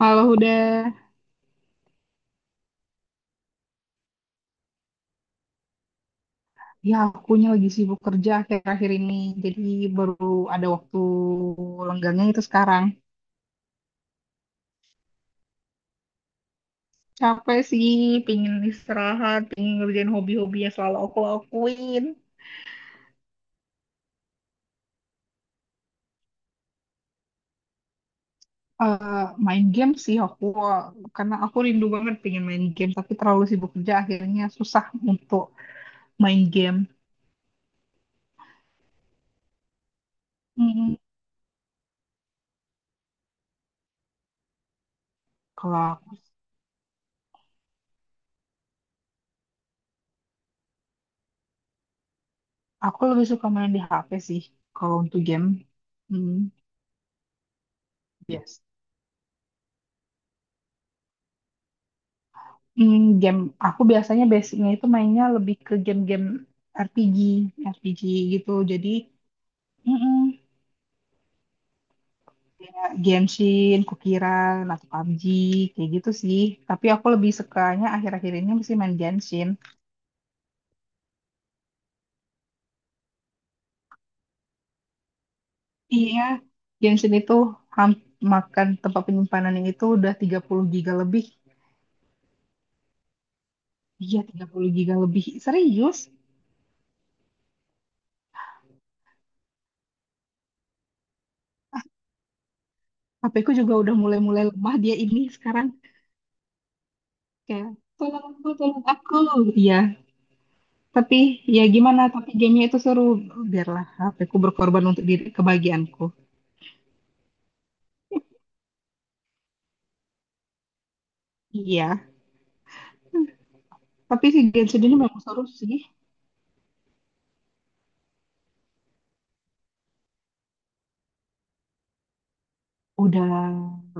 Halo udah, ya akunya lagi sibuk kerja akhir-akhir ini, jadi baru ada waktu lenggangnya itu sekarang. Capek sih, pingin istirahat, pingin ngerjain hobi-hobi yang selalu aku lakuin. Eh, main game sih aku, karena aku rindu banget pingin main game, tapi terlalu sibuk kerja akhirnya susah untuk main game. Mm. Kalau aku lebih suka main di HP sih, kalau untuk game. Mm. Yes. Game aku biasanya basicnya itu mainnya lebih ke game-game RPG, RPG gitu. Jadi, mm kayak Genshin, Kukiran, atau PUBG, kayak gitu sih. Tapi aku lebih sukanya akhir-akhir ini mesti main Genshin. Iya, Genshin itu ham- makan tempat penyimpanannya itu udah 30 giga lebih. Iya, 30 giga lebih. Serius? HP ku juga udah mulai-mulai lemah dia ini sekarang. Kayak, tolong aku, tolong aku. Iya. Tapi ya gimana, tapi gamenya itu seru. Biarlah HPku berkorban untuk diri kebahagiaanku. Iya, tapi si Genshin ini memang seru sih. Udah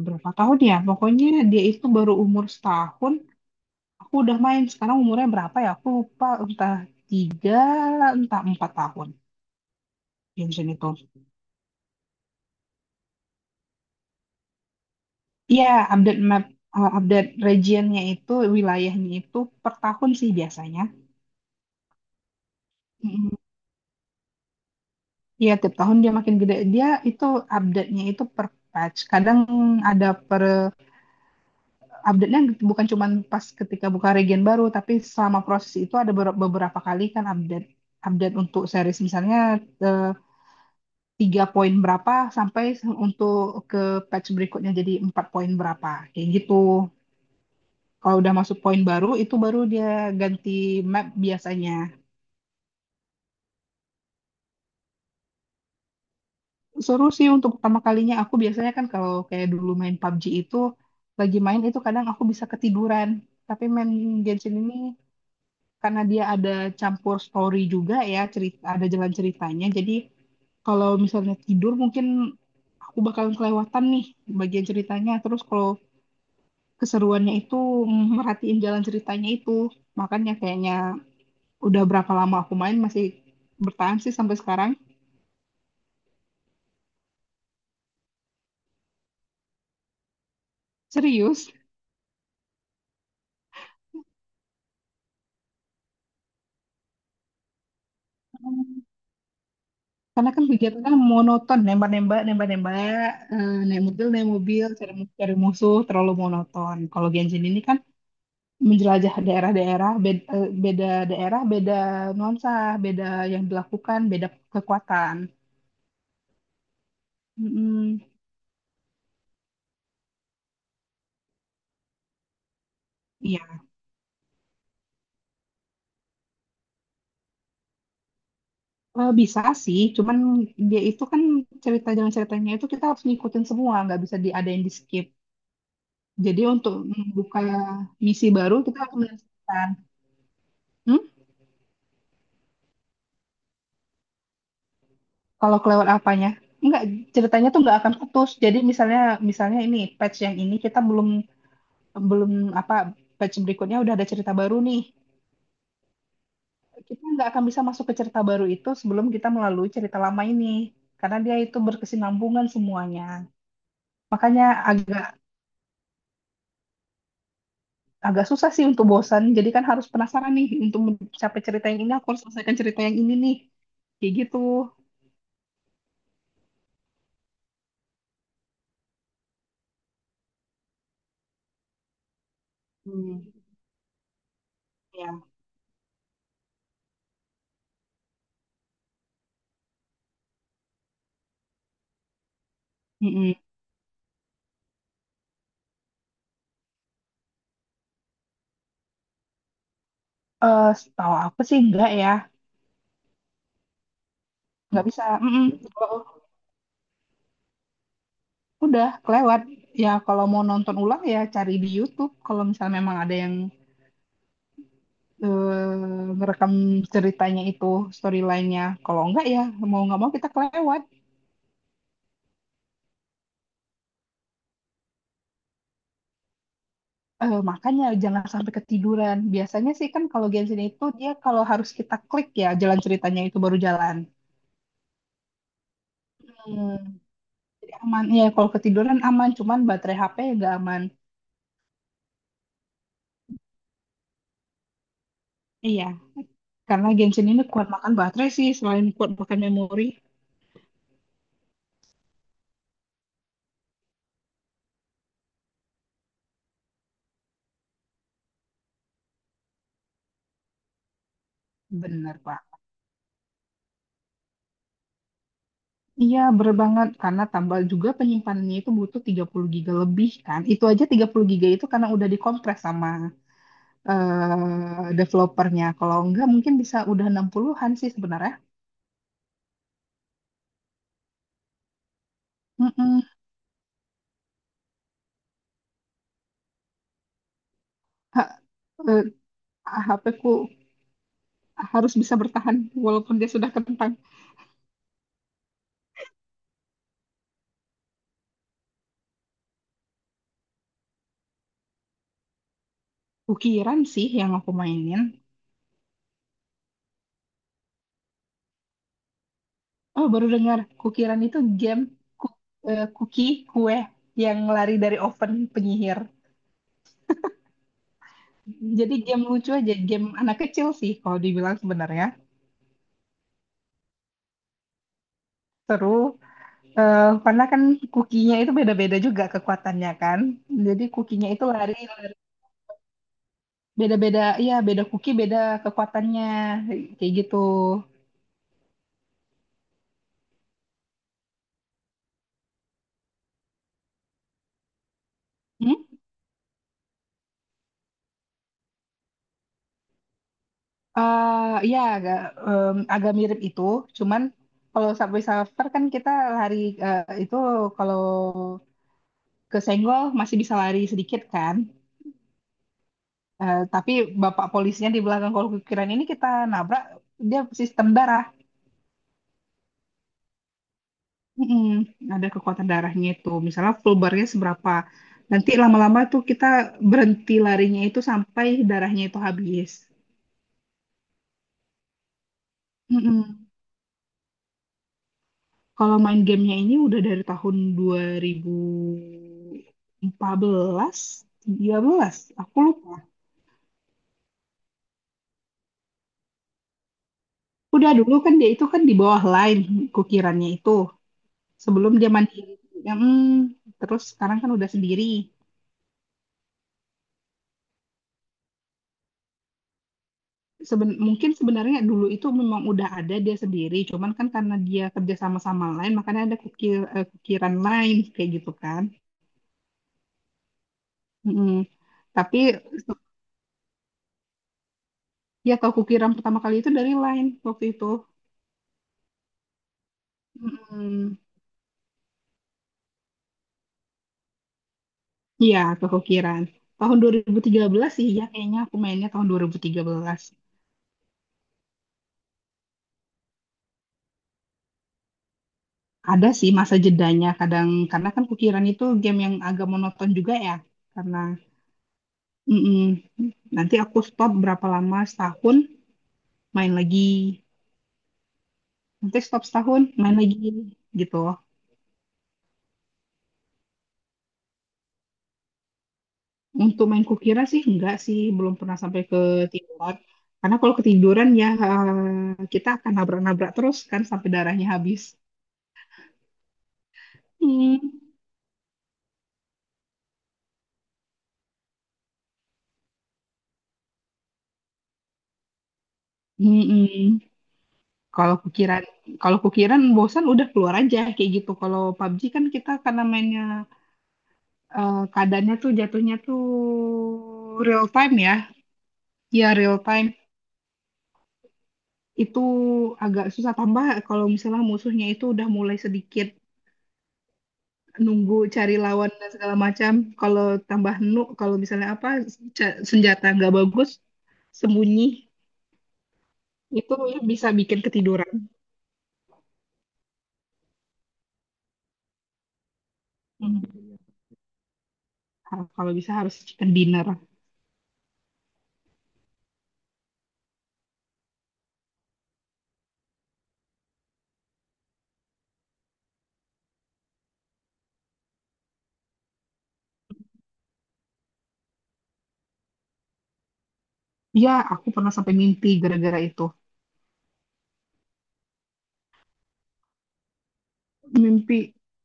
berapa tahun ya? Pokoknya dia itu baru umur setahun. Aku udah main. Sekarang umurnya berapa ya? Aku lupa. Entah tiga, entah empat tahun. Genshin itu. Iya, update map, update regionnya itu, wilayahnya itu per tahun sih biasanya. Hmm. Iya, tiap tahun dia makin gede. Dia itu update-nya itu per patch. Kadang ada per update-nya bukan cuma pas ketika buka region baru, tapi selama proses itu ada beberapa kali kan update update untuk series misalnya eh, tiga poin berapa sampai untuk ke patch berikutnya jadi empat poin berapa. Kayak gitu. Kalau udah masuk poin baru itu baru dia ganti map biasanya. Seru sih untuk pertama kalinya. Aku biasanya kan kalau kayak dulu main PUBG itu, lagi main itu kadang aku bisa ketiduran. Tapi main Genshin ini karena dia ada campur story juga ya, cerita, ada jalan ceritanya. Jadi kalau misalnya tidur mungkin aku bakalan kelewatan nih bagian ceritanya. Terus kalau keseruannya itu merhatiin jalan ceritanya itu. Makanya kayaknya udah berapa lama aku main masih bertahan sih sampai sekarang. Serius. Karena kan kegiatannya monoton, nembak-nembak, naik mobil, cari, cari musuh, terlalu monoton. Kalau Genshin ini kan menjelajah daerah-daerah, beda, beda daerah, beda nuansa, beda yang dilakukan, beda kekuatan. Mm-mm. Iya, bisa sih, cuman dia itu kan jalan ceritanya itu kita harus ngikutin semua, nggak bisa diadain di skip. Jadi untuk membuka misi baru kita harus menyelesaikan. Kalau kelewat apanya? Enggak, ceritanya tuh nggak akan putus. Jadi misalnya misalnya ini patch yang ini kita belum belum apa patch berikutnya udah ada cerita baru nih. Kita nggak akan bisa masuk ke cerita baru itu sebelum kita melalui cerita lama ini. Karena dia itu berkesinambungan semuanya. Makanya agak agak susah sih untuk bosan. Jadi kan harus penasaran nih untuk mencapai cerita yang ini aku harus selesaikan cerita yang ini nih. Kayak gitu. Hmm. Ya. Mm-mm. Setahu aku sih enggak ya. Nggak bisa. Mm-mm. Udah kelewat. Ya kalau mau nonton ulang ya cari di YouTube. Kalau misalnya memang ada yang ngerekam ceritanya itu storyline-nya. Kalau enggak ya mau nggak mau kita kelewat. Makanya jangan sampai ketiduran. Biasanya sih kan kalau Genshin itu dia kalau harus kita klik ya jalan ceritanya itu baru jalan. Hmm, jadi aman. Ya kalau ketiduran aman, cuman baterai HP nggak aman. Iya, karena Genshin ini kuat makan baterai sih selain kuat makan memori. Bener, Pak. Iya, bener banget. Karena tambal juga penyimpanannya itu butuh 30 giga lebih kan. Itu aja 30 giga itu karena udah dikompres sama developernya. Kalau enggak mungkin bisa udah 60-an sih sebenarnya. Mm-mm. Ha- eh, HP ku harus bisa bertahan walaupun dia sudah kentang. Kukiran sih yang aku mainin. Oh, baru dengar. Kukiran itu game ku- cookie kue yang lari dari oven penyihir. Jadi game lucu aja, game anak kecil sih kalau dibilang sebenarnya. Seru. Karena kan kukinya itu beda-beda juga kekuatannya kan. Jadi kukinya itu lari lari. Beda-beda, iya beda kuki beda kekuatannya kayak gitu. Hmm? Ya agak mirip itu, cuman kalau subway surfer kan kita lari itu kalau kesenggol masih bisa lari sedikit kan. Tapi bapak polisnya di belakang kalau kukiran ini kita nabrak dia sistem darat. Mm-mm, ada kekuatan darahnya itu. Misalnya full bar-nya seberapa. Nanti lama-lama tuh kita berhenti larinya itu sampai darahnya itu habis. Mm-mm. Kalau main gamenya ini udah dari tahun dua ribu empat belas, tiga belas, aku lupa. Udah dulu kan dia itu kan di bawah line kukirannya itu. Sebelum dia mandiri. Mm, terus sekarang kan udah sendiri. Mungkin sebenarnya dulu itu memang udah ada dia sendiri, cuman kan karena dia kerja sama sama lain, makanya ada kukiran lain kayak gitu kan. Mm-mm. Tapi ya tahu kukiran pertama kali itu dari lain waktu itu. Mm-mm. Iya, tahu kukiran. Tahun 2013 sih ya kayaknya aku mainnya tahun 2013. Ada sih masa jedanya kadang karena kan kukiran itu game yang agak monoton juga ya. Karena. Mm-mm. Nanti aku stop berapa lama setahun main lagi. Nanti stop setahun main lagi gitu untuk main kukira sih enggak sih belum pernah sampai ketiduran karena kalau ketiduran ya kita akan nabrak-nabrak terus kan sampai darahnya habis. hmm. Mm-mm. kalau kukiran kalau kukiran bosan udah keluar aja kayak gitu kalau PUBG kan kita karena mainnya keadaannya tuh jatuhnya tuh real time ya real time itu agak susah tambah kalau misalnya musuhnya itu udah mulai sedikit nunggu cari lawan dan segala macam. Kalau misalnya apa senjata nggak bagus, sembunyi itu ya bisa bikin ketiduran. Hmm. Ah, kalau bisa harus chicken dinner. Ya, aku pernah sampai mimpi gara-gara itu. Mimpi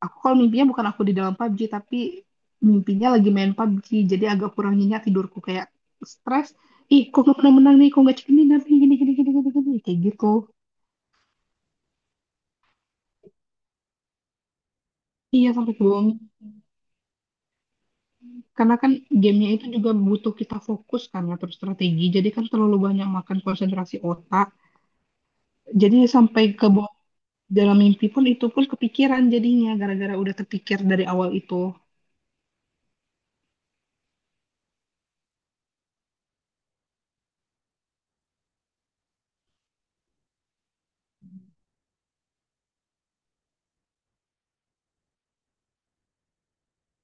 aku kalau mimpinya bukan aku di dalam PUBG tapi mimpinya lagi main PUBG. Jadi agak kurang nyenyak tidurku kayak stres. Ih, kok gak pernah menang nih? Kok gak chicken dinner nih? Gini, gini, gini, gini, gini. Kayak gitu. Iya, sampai kebohong. Karena kan gamenya itu juga butuh kita fokus kan ya, terus strategi. Jadi kan terlalu banyak makan konsentrasi otak. Jadi sampai ke bawah dalam mimpi pun itu pun kepikiran jadinya gara-gara udah terpikir dari awal itu.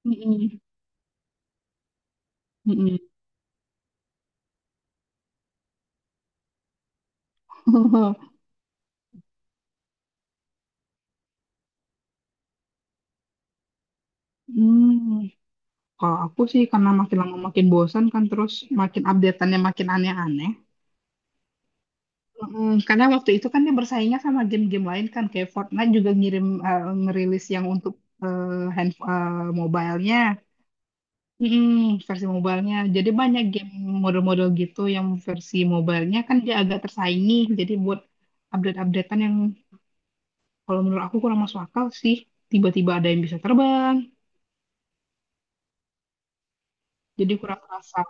Mm-mm. Mm-mm. Hmm. Kalau aku sih karena makin lama makin bosan kan terus makin updateannya makin aneh-aneh. Karena waktu itu kan dia bersaingnya sama game-game lain kan kayak Fortnite juga ngerilis yang untuk eh, mobilenya. Mm-mm, versi mobile-nya. Jadi banyak game model-model gitu yang versi mobile-nya kan dia agak tersaingi. Jadi buat update-updatean yang kalau menurut aku kurang masuk akal sih. Tiba-tiba ada yang bisa terbang, jadi kurang terasa.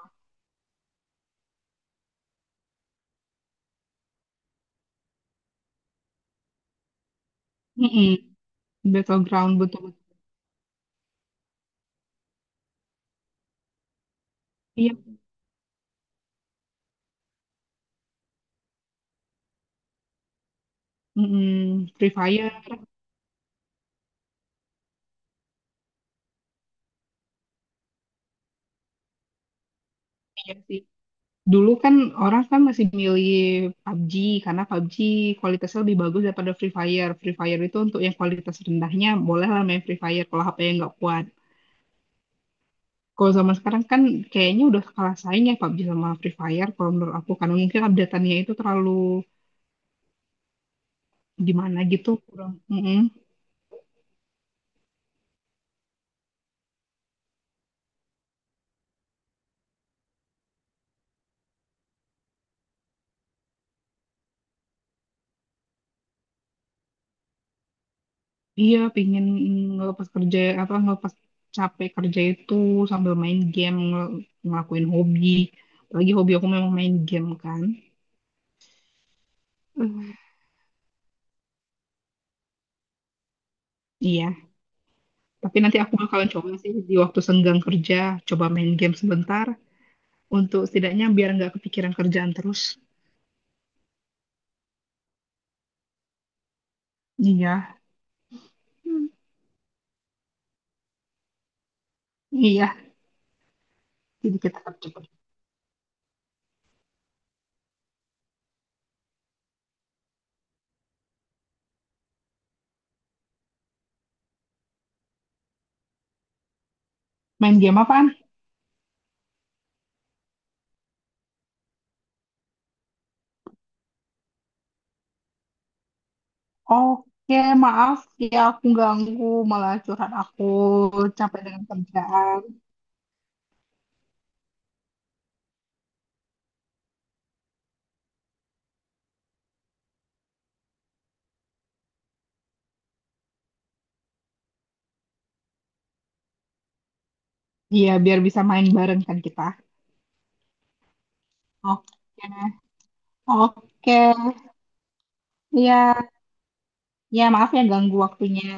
Mm-mm, Battleground betul-betul. Iya. Mm-mm, Free Fire, iya sih. Dulu kan orang kan masih milih PUBG karena PUBG kualitasnya lebih bagus daripada Free Fire. Free Fire itu untuk yang kualitas rendahnya bolehlah main Free Fire kalau HP yang nggak kuat. Kalau zaman sekarang kan kayaknya udah kalah saing ya PUBG sama Free Fire kalau menurut aku karena mungkin update-annya itu terlalu gimana gitu kurang. Mm-mm. Iya pingin ngelepas kerja apa ngelepas capek kerja itu sambil main game ngelakuin hobi apalagi hobi aku memang main game kan. Hmm. Iya tapi nanti aku bakalan coba sih di waktu senggang kerja coba main game sebentar untuk setidaknya biar nggak kepikiran kerjaan terus. Iya. Hmm. Iya jadi kita cepat main game apaan. Oke, maaf ya aku ganggu, malah curhat aku capek dengan kerjaan. Iya, biar bisa main bareng kan kita. Oke, oke, iya, ya maaf ya ganggu waktunya.